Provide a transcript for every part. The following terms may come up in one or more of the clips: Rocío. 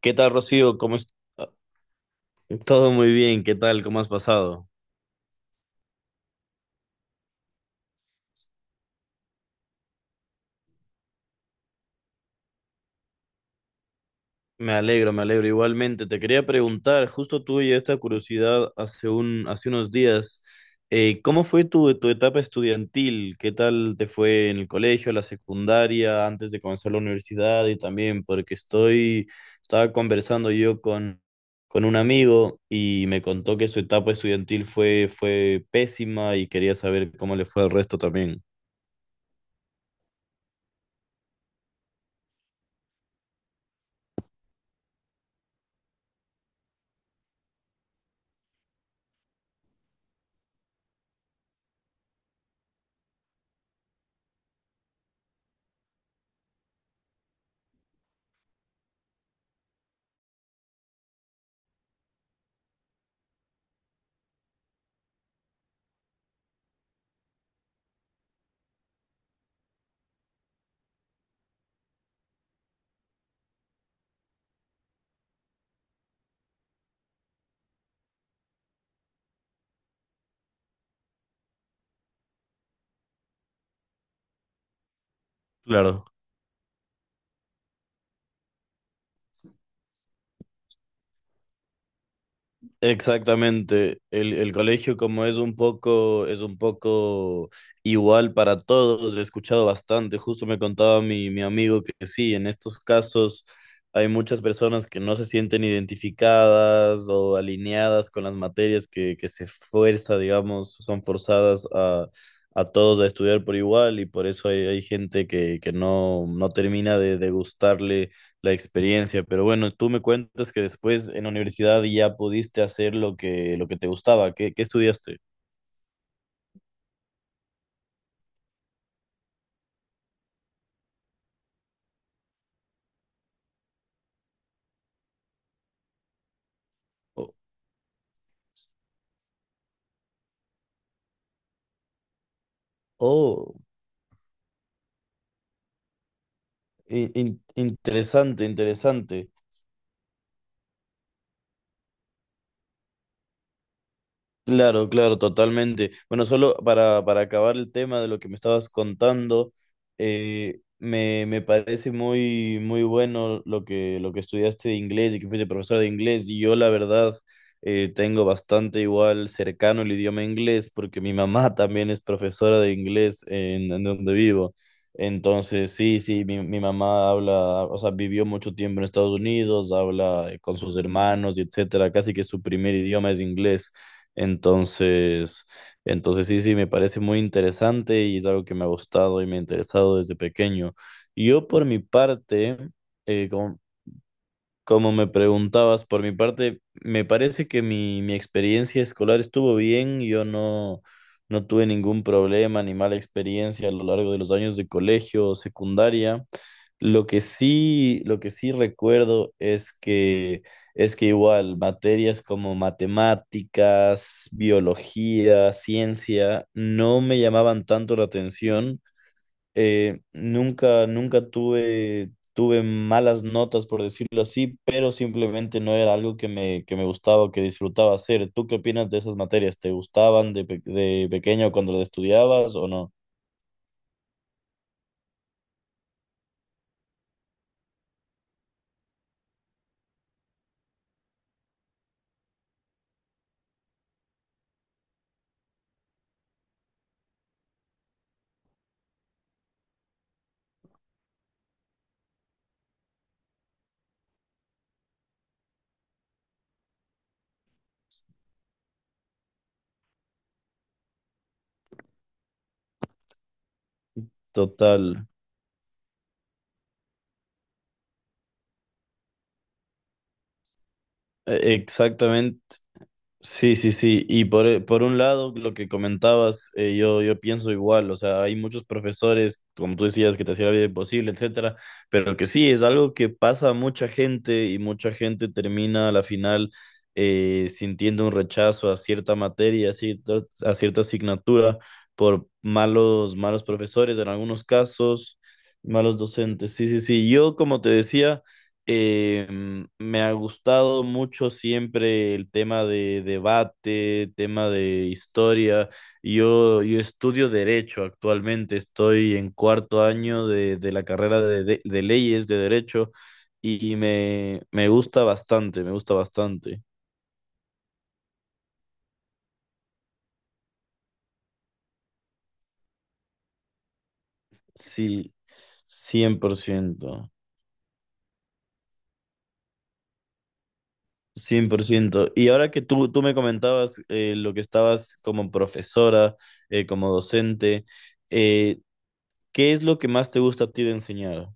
¿Qué tal, Rocío? Todo muy bien, ¿qué tal? ¿Cómo has pasado? Me alegro igualmente. Te quería preguntar, justo tuve esta curiosidad hace unos días, ¿cómo fue tu etapa estudiantil? ¿Qué tal te fue en el colegio, la secundaria, antes de comenzar la universidad? Y también estaba conversando con un amigo y me contó que su etapa estudiantil fue pésima y quería saber cómo le fue al resto también. Claro. Exactamente, el colegio como es un poco igual para todos, he escuchado bastante, justo me contaba mi amigo que sí, en estos casos hay muchas personas que no se sienten identificadas o alineadas con las materias que se fuerza, digamos, son forzadas a todos a estudiar por igual y por eso hay gente que no, no termina de gustarle la experiencia, pero bueno, tú me cuentas que después en la universidad ya pudiste hacer lo que te gustaba. ¿Qué, qué estudiaste? Oh, oh, interesante, interesante. Claro, claro, totalmente. Bueno, solo para acabar el tema de lo que me estabas contando, me parece muy bueno lo que estudiaste de inglés y que fuiste profesor de inglés. Y yo, la verdad, tengo bastante igual cercano el idioma inglés porque mi mamá también es profesora de inglés en donde vivo. Entonces, sí, sí, mi mamá habla, o sea, vivió mucho tiempo en Estados Unidos, habla con sus hermanos y etcétera. Casi que su primer idioma es inglés. Entonces, entonces sí, sí, me parece muy interesante y es algo que me ha gustado y me ha interesado desde pequeño. Yo por mi parte, eh, como- como me preguntabas, por mi parte, me parece que mi experiencia escolar estuvo bien. Yo no, no tuve ningún problema ni mala experiencia a lo largo de los años de colegio o secundaria. Lo que sí recuerdo es que igual materias como matemáticas, biología, ciencia, no me llamaban tanto la atención nunca tuve malas notas, por decirlo así, pero simplemente no era algo que me gustaba o que disfrutaba hacer. ¿Tú qué opinas de esas materias? ¿Te gustaban de pequeño cuando las estudiabas o no? Total, e- exactamente. Sí, sí, sí. Por un lado, lo que comentabas, yo pienso igual. O sea, hay muchos profesores, como tú decías, que te hacían la vida imposible, etcétera. Pero que sí, es algo que pasa a mucha gente y mucha gente termina a la final sintiendo un rechazo a cierta materia, a cierta asignatura, por malos profesores en algunos casos, malos docentes. Sí, sí, sí. Yo, como te decía. Me ha gustado mucho siempre el tema de debate, tema de historia. Yo estudio derecho actualmente, estoy en cuarto año de la carrera de leyes de derecho y me gusta bastante, me gusta bastante. Sí, cien por ciento 100%. Y ahora que tú me comentabas lo que estabas como profesora, como docente. Eh, ¿Qué es lo que más te gusta a ti de enseñar?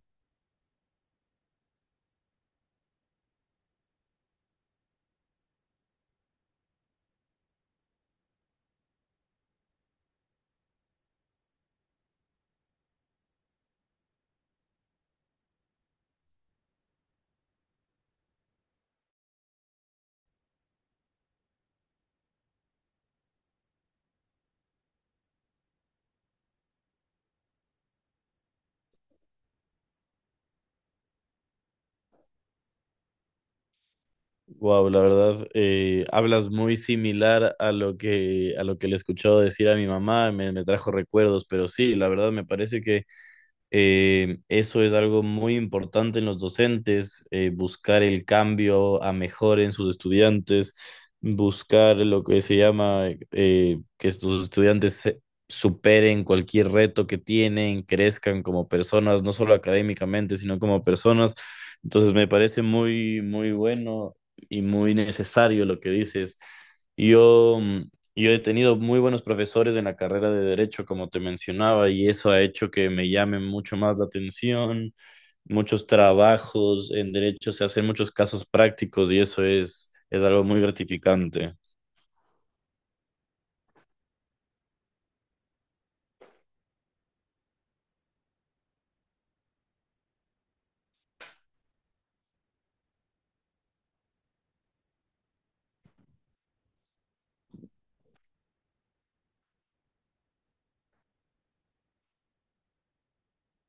Wow, la verdad, hablas muy similar a lo que le he escuchado decir a mi mamá, me trajo recuerdos, pero sí, la verdad me parece que eso es algo muy importante en los docentes, buscar el cambio a mejor en sus estudiantes, buscar lo que se llama que sus estudiantes superen cualquier reto que tienen, crezcan como personas, no solo académicamente, sino como personas. Entonces me parece muy, muy bueno y muy necesario lo que dices. Yo. Mm, y Yo he tenido muy buenos profesores en la carrera de derecho, como te mencionaba, y eso ha hecho que me llame mucho más la atención. Muchos trabajos en derecho se hacen muchos casos prácticos y eso es algo muy gratificante.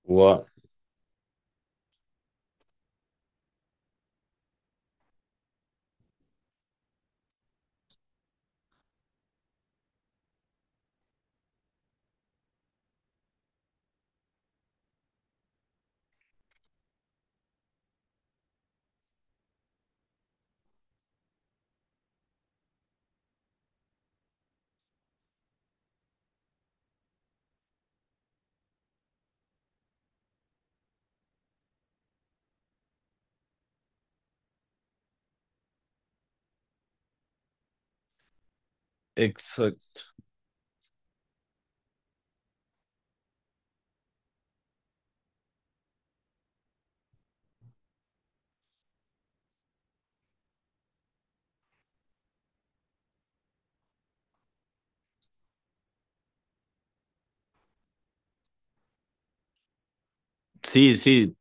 Wow. Exacto. Sí, sí,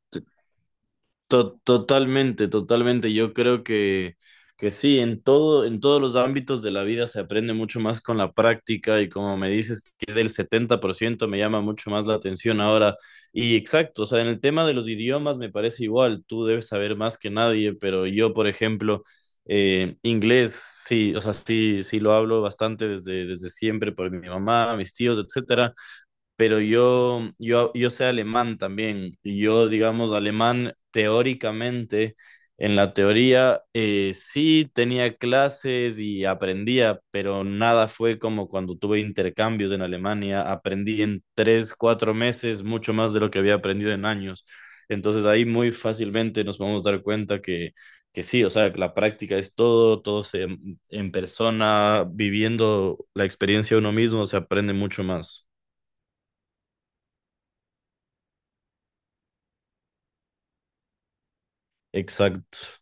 to- totalmente, totalmente. Yo creo que sí, en todo, en todos los ámbitos de la vida se aprende mucho más con la práctica y como me dices que es del 70% me llama mucho más la atención ahora. Y exacto, o sea, en el tema de los idiomas me parece igual, tú debes saber más que nadie, pero yo, por ejemplo, inglés, sí, o sea, sí, sí lo hablo bastante desde siempre por mi mamá, mis tíos, etc. Pero yo sé alemán también, y yo, digamos, alemán teóricamente, en la teoría, sí tenía clases y aprendía, pero nada fue como cuando tuve intercambios en Alemania, aprendí en tres, cuatro meses mucho más de lo que había aprendido en años. Entonces ahí muy fácilmente nos podemos dar cuenta que sí, o sea, la práctica es todo, en persona, viviendo la experiencia uno mismo, se aprende mucho más. Exacto.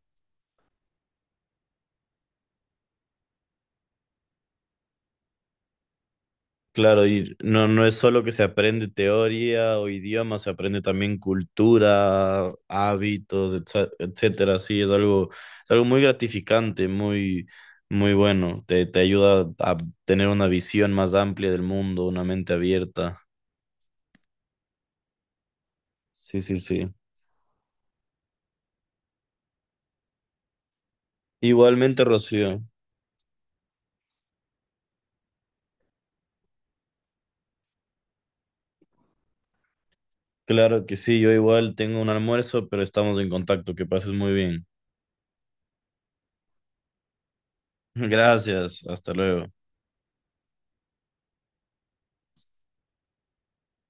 Claro, y no, no es solo que se aprende teoría o idioma, se aprende también cultura, hábitos, etcétera. Sí, es algo muy gratificante, muy, muy bueno. Te ayuda a tener una visión más amplia del mundo, una mente abierta. Sí, sí, sí. Igualmente, Rocío. Claro que sí, yo igual tengo un almuerzo, pero estamos en contacto. Que pases muy bien. Gracias, hasta luego.